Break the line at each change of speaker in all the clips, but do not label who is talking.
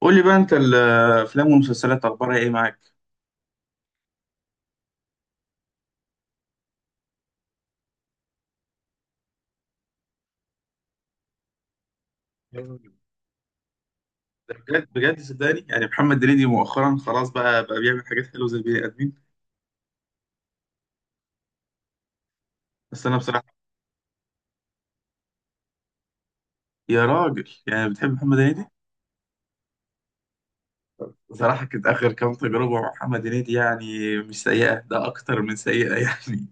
قول لي بقى، انت الافلام والمسلسلات اخبارها ايه معاك؟ يلا. ده بجد بجد، صدقني يعني محمد هنيدي مؤخرا خلاص بقى بيعمل حاجات حلوه زي البني ادمين. بس انا بصراحه. يا راجل، يعني بتحب محمد هنيدي؟ بصراحه كانت اخر كام تجربه مع محمد هنيدي يعني مش سيئه، ده اكتر من سيئه يعني.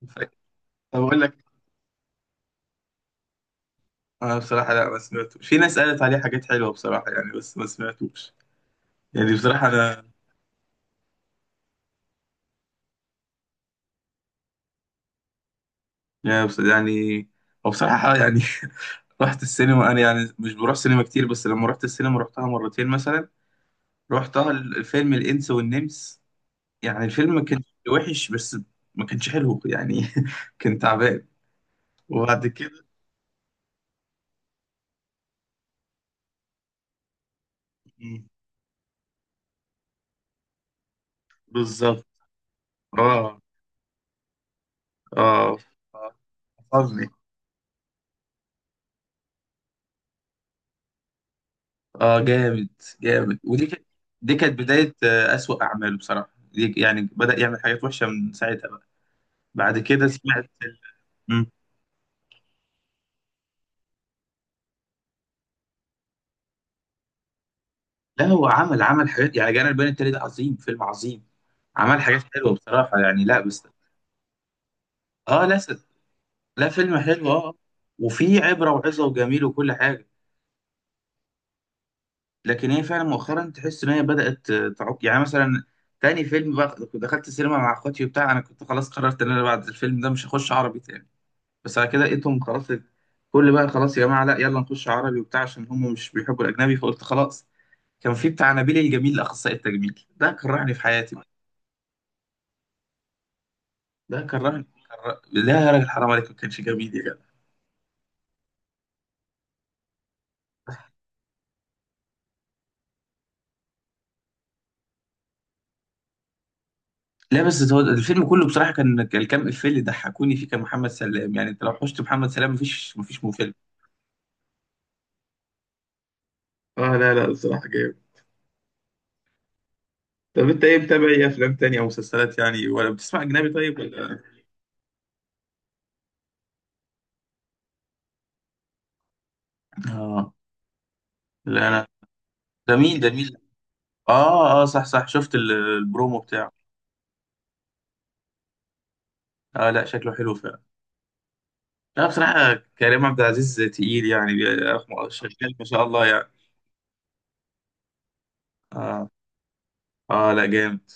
طب اقول لك، انا بصراحه لا، ما سمعتوش، في ناس قالت عليه حاجات حلوه بصراحه يعني، بس ما سمعتوش. يعني بصراحه انا، يعني يعني. هو بصراحه يعني. رحت السينما انا، يعني مش بروح سينما كتير، بس لما رحت السينما رحتها مرتين مثلا. رحتها الفيلم الانس والنمس. يعني الفيلم ما كانش وحش، بس ما كانش حلو يعني. كان تعبان. وبعد كده. مم. بالظبط. اه اه. آه. حفظني. اه جامد. جامد، ودي كانت. دي كانت بداية أسوأ أعماله بصراحة دي، يعني بدأ يعمل حاجات وحشة من ساعتها بقى. بعد كده سمعت مم. لا، هو عمل حاجات يعني. جانا البيان التالي ده عظيم، فيلم عظيم. عمل حاجات حلوه بصراحه يعني، لا بس. اه لا فيلم حلو اه، وفيه عبره وعظه وجميل وكل حاجه. لكن هي فعلا مؤخرا تحس ان هي بدات تعك يعني. مثلا تاني فيلم بقى دخلت السينما مع اخواتي وبتاع، انا كنت خلاص قررت ان انا بعد الفيلم ده مش هخش عربي تاني. بس على كده لقيتهم خلاص، كل بقى خلاص يا جماعه، لا يلا نخش عربي وبتاع عشان هم مش بيحبوا الاجنبي، فقلت خلاص. كان في بتاع نبيل الجميل اخصائي التجميل، ده كرهني في حياتي. ده كرهني. لا يا راجل، حرام عليك، ما كانش جميل يا جدع. لا بس هو الفيلم كله بصراحه كان الكام افيه اللي ضحكوني فيه كان محمد سلام، يعني انت لو حشت محمد سلام مفيش مو فيلم. اه لا لا، الصراحه جامد. طب انت ايه، متابع ايه افلام تانية او مسلسلات يعني، ولا بتسمع اجنبي، طيب ولا؟ اه لا، انا. جميل جميل. اه اه، صح صح، شفت البرومو بتاعه؟ اه لا، شكله حلو فعلا. لا بصراحه كريم عبد العزيز تقيل، يعني شغال ما شاء الله يعني. اه اه لا جامد.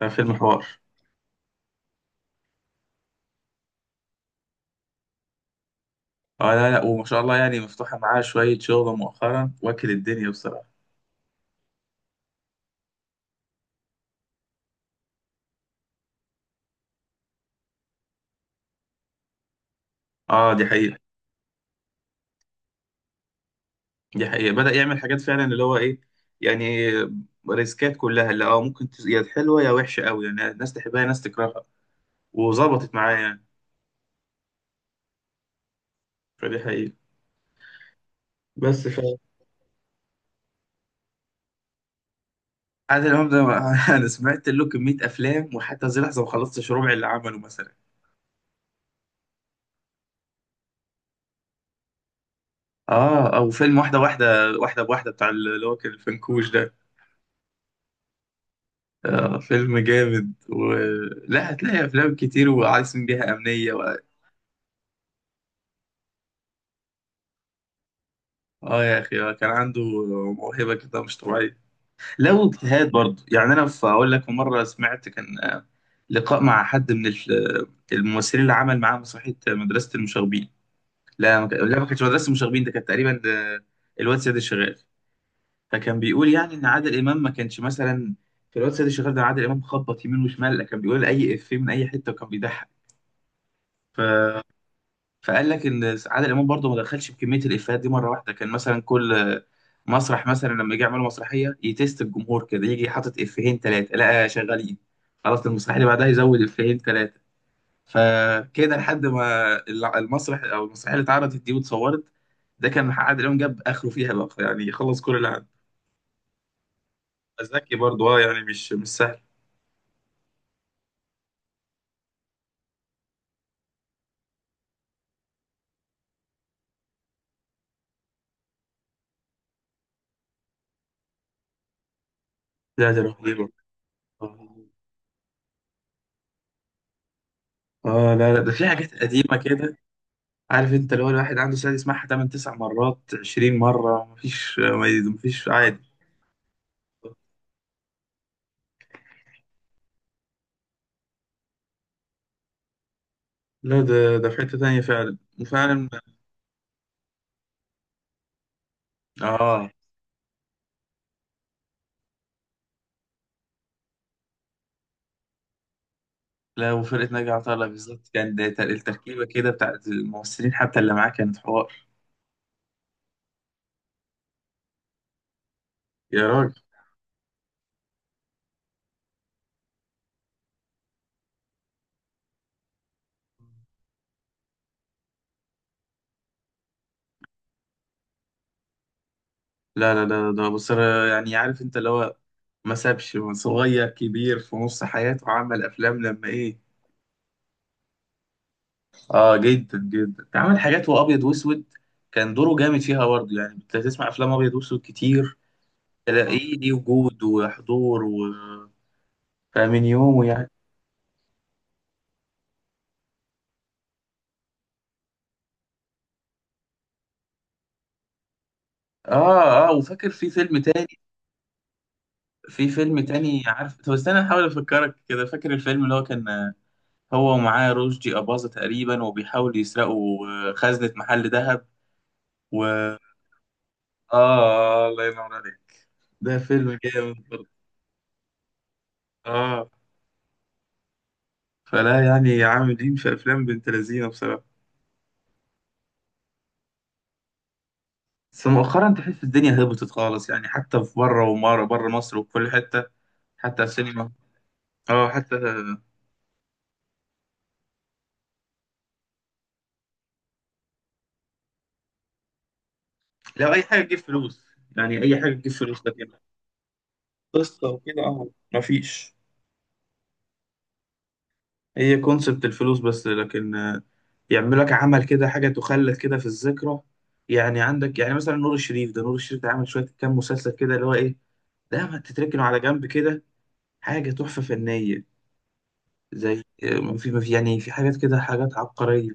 لا، فيلم حوار. اه لا لا، وما شاء الله يعني مفتوحة معاه شوية شغل مؤخرا، واكل الدنيا بصراحة. اه دي حقيقة. دي حقيقة بدأ يعمل حاجات فعلا اللي هو ايه، يعني ريسكات كلها اللي اه ممكن يا حلوة يا وحشة قوي، يعني ناس تحبها ناس تكرهها. وظبطت معاه يعني. فدي حقيقة. بس عادل إمام ده انا سمعت له كمية افلام، وحتى زي لحظة ما خلصتش ربع اللي عمله مثلا. اه، او فيلم واحدة واحدة، واحدة بواحدة بتاع، اللي هو كان الفنكوش ده. آه فيلم جامد لا هتلاقي افلام كتير وعايزين بيها امنيه اه يا اخي، كان عنده موهبه كده مش طبيعيه. لو اجتهاد برضه يعني، انا اقول لك مره سمعت كان، لقاء مع حد من الممثلين اللي عمل معاه مسرحيه مدرسه المشاغبين. لا ما كانتش مدرسه المشاغبين، ده كانت تقريبا ده الواد سيد الشغال. فكان بيقول يعني ان عادل امام ما كانش مثلا في الواد سيد الشغال ده، عادل امام خبط يمين وشمال، لا كان بيقول اي افيه من اي حته وكان بيضحك. فقال لك عادل امام برضه ما دخلش بكميه الافيهات دي مره واحده، كان مثلا كل مسرح مثلا لما يجي يعملوا مسرحيه يتست الجمهور كده، يجي حاطط افيهين ثلاثه، لا شغالين، خلاص المسرحيه اللي بعدها يزود افيهين ثلاثه. فكده لحد ما المسرح او المسرحيه اللي اتعرضت دي واتصورت، ده كان عادل امام جاب اخره فيها بقى، يعني خلص كل اللي عنده. ذكي برضه اه، يعني مش سهل. لا ده رهيب. اه، لا لا، ده في حاجات قديمه كده. عارف انت، اللي هو الواحد عنده سعادة يسمعها 8 9 مرات 20 مرة، مفيش عادي. لا ده في حتة تانية فعلا وفعلا. اه لا، وفرقة ناجي عطا الله بالظبط، كان ده التركيبة كده بتاعت الممثلين، حتى اللي معاه كانت حوار. يا راجل، لا لا لا، ده بص. يعني عارف انت اللي هو ما سابش صغير كبير، في نص حياته عمل افلام لما ايه. اه جدا جدا، عمل حاجات وابيض واسود. كان دوره جامد فيها برضه، يعني انت تسمع افلام ابيض واسود كتير تلاقيه ليه وجود وحضور فمن يومه يعني. اه اه، وفاكر في فيلم تاني. في فيلم تاني عارف، طب استنى احاول افكرك كده، فاكر الفيلم اللي هو كان هو ومعاه رشدي أباظة تقريبا، وبيحاولوا يسرقوا خزنة محل ذهب. و اه. الله ينور عليك. ده فيلم جامد برضه. اه، فلا يعني عاملين في افلام بنت لذينه بصراحه. بس مؤخرا تحس الدنيا هبطت خالص يعني، حتى في بره، ومره بره مصر وفي كل حته، حتى في السينما. اه حتى. لو اي حاجه تجيب فلوس، يعني اي حاجه تجيب فلوس، لكن قصه وكده اه. مفيش. هي كونسبت الفلوس بس، لكن يعملوا لك عمل كده حاجه تخلد كده في الذكرى. يعني عندك يعني مثلا نور الشريف ده، نور الشريف ده عامل شويه كام مسلسل كده اللي هو ايه، ده ما تتركنوا على جنب كده، حاجه تحفه فنيه. زي ما في يعني، في حاجات كده حاجات عبقريه.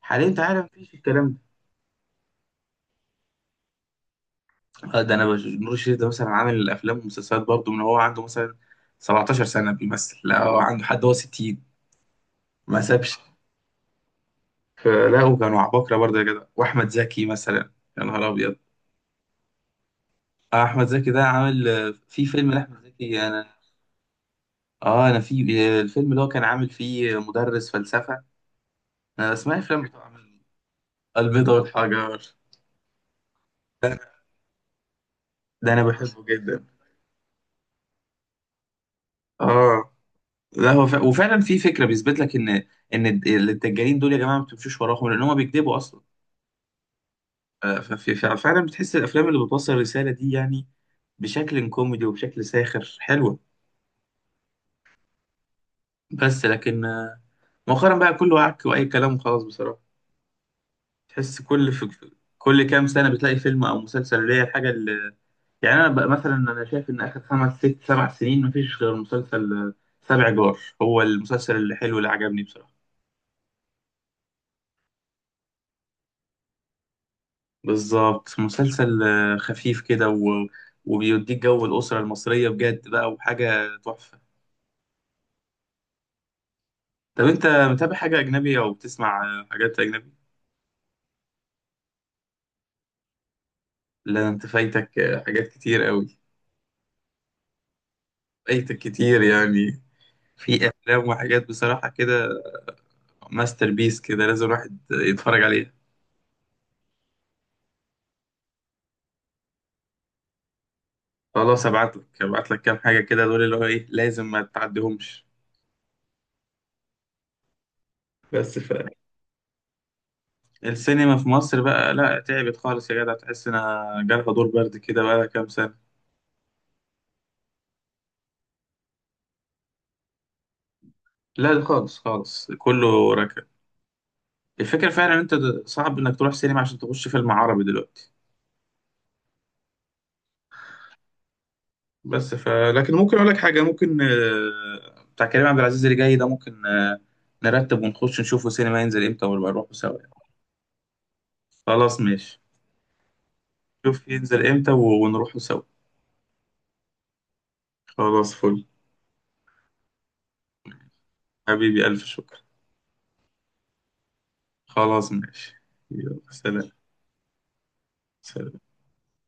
حاليا انت عارف مفيش الكلام. ده آه، ده انا بش... نور الشريف ده مثلا عامل الافلام والمسلسلات برضه من هو عنده مثلا 17 سنه بيمثل، لا هو عنده حد هو 60، ما سابش. فلاقوا كانوا عباقرة برضه يا جدع، وأحمد زكي مثلا. يا نهار أبيض. أحمد زكي ده عامل، في فيلم لأحمد زكي أنا، أنا في، الفيلم اللي هو كان عامل فيه مدرس فلسفة. أنا أسمع الأفلام بتوع عامل البيضة والحجر. ده أنا بحبه جدا. آه لا هو وفعلا في فكرة بيثبت لك إن الدجالين دول يا جماعة، ما بتمشوش وراهم لأن هم بيكذبوا أصلا. فعلا بتحس الأفلام اللي بتوصل الرسالة دي يعني بشكل كوميدي وبشكل ساخر حلوة. بس لكن مؤخرا بقى كله عك واي كلام وخلاص بصراحه. تحس كل كل كام سنه بتلاقي فيلم او مسلسل اللي هي الحاجه اللي، يعني انا بقى مثلا انا شايف ان اخر خمس ست سبع سنين مفيش غير مسلسل، سبع جار، هو المسلسل اللي حلو اللي عجبني بصراحه. بالظبط مسلسل خفيف كده وبيديك جو الاسره المصريه بجد بقى، وحاجه تحفه. طب انت متابع حاجه اجنبي او بتسمع حاجات اجنبي؟ لا انت فايتك حاجات كتير قوي. فايتك كتير يعني. في افلام وحاجات بصراحه كده، ماستر بيس كده، لازم الواحد يتفرج عليها. خلاص، ابعت لك كام حاجه كده، دول اللي هو ايه لازم ما تعديهمش. بس، فالسينما في مصر بقى لا تعبت خالص يا جدع، تحس انها جالها دور برد كده بقى لها كام سنه. لا ده خالص خالص كله ركب. الفكره فعلا انت صعب انك تروح سينما عشان تخش فيلم عربي دلوقتي. بس لكن ممكن اقول لك حاجه، ممكن، بتاع كريم عبد العزيز اللي جاي ده، ممكن نرتب ونخش نشوفه سينما ينزل امتى ونبقى نروحه سوا. خلاص ماشي. شوف ينزل امتى ونروحوا سوا. خلاص فل. حبيبي ألف شكر. خلاص ماشي. يلا سلام. سلام.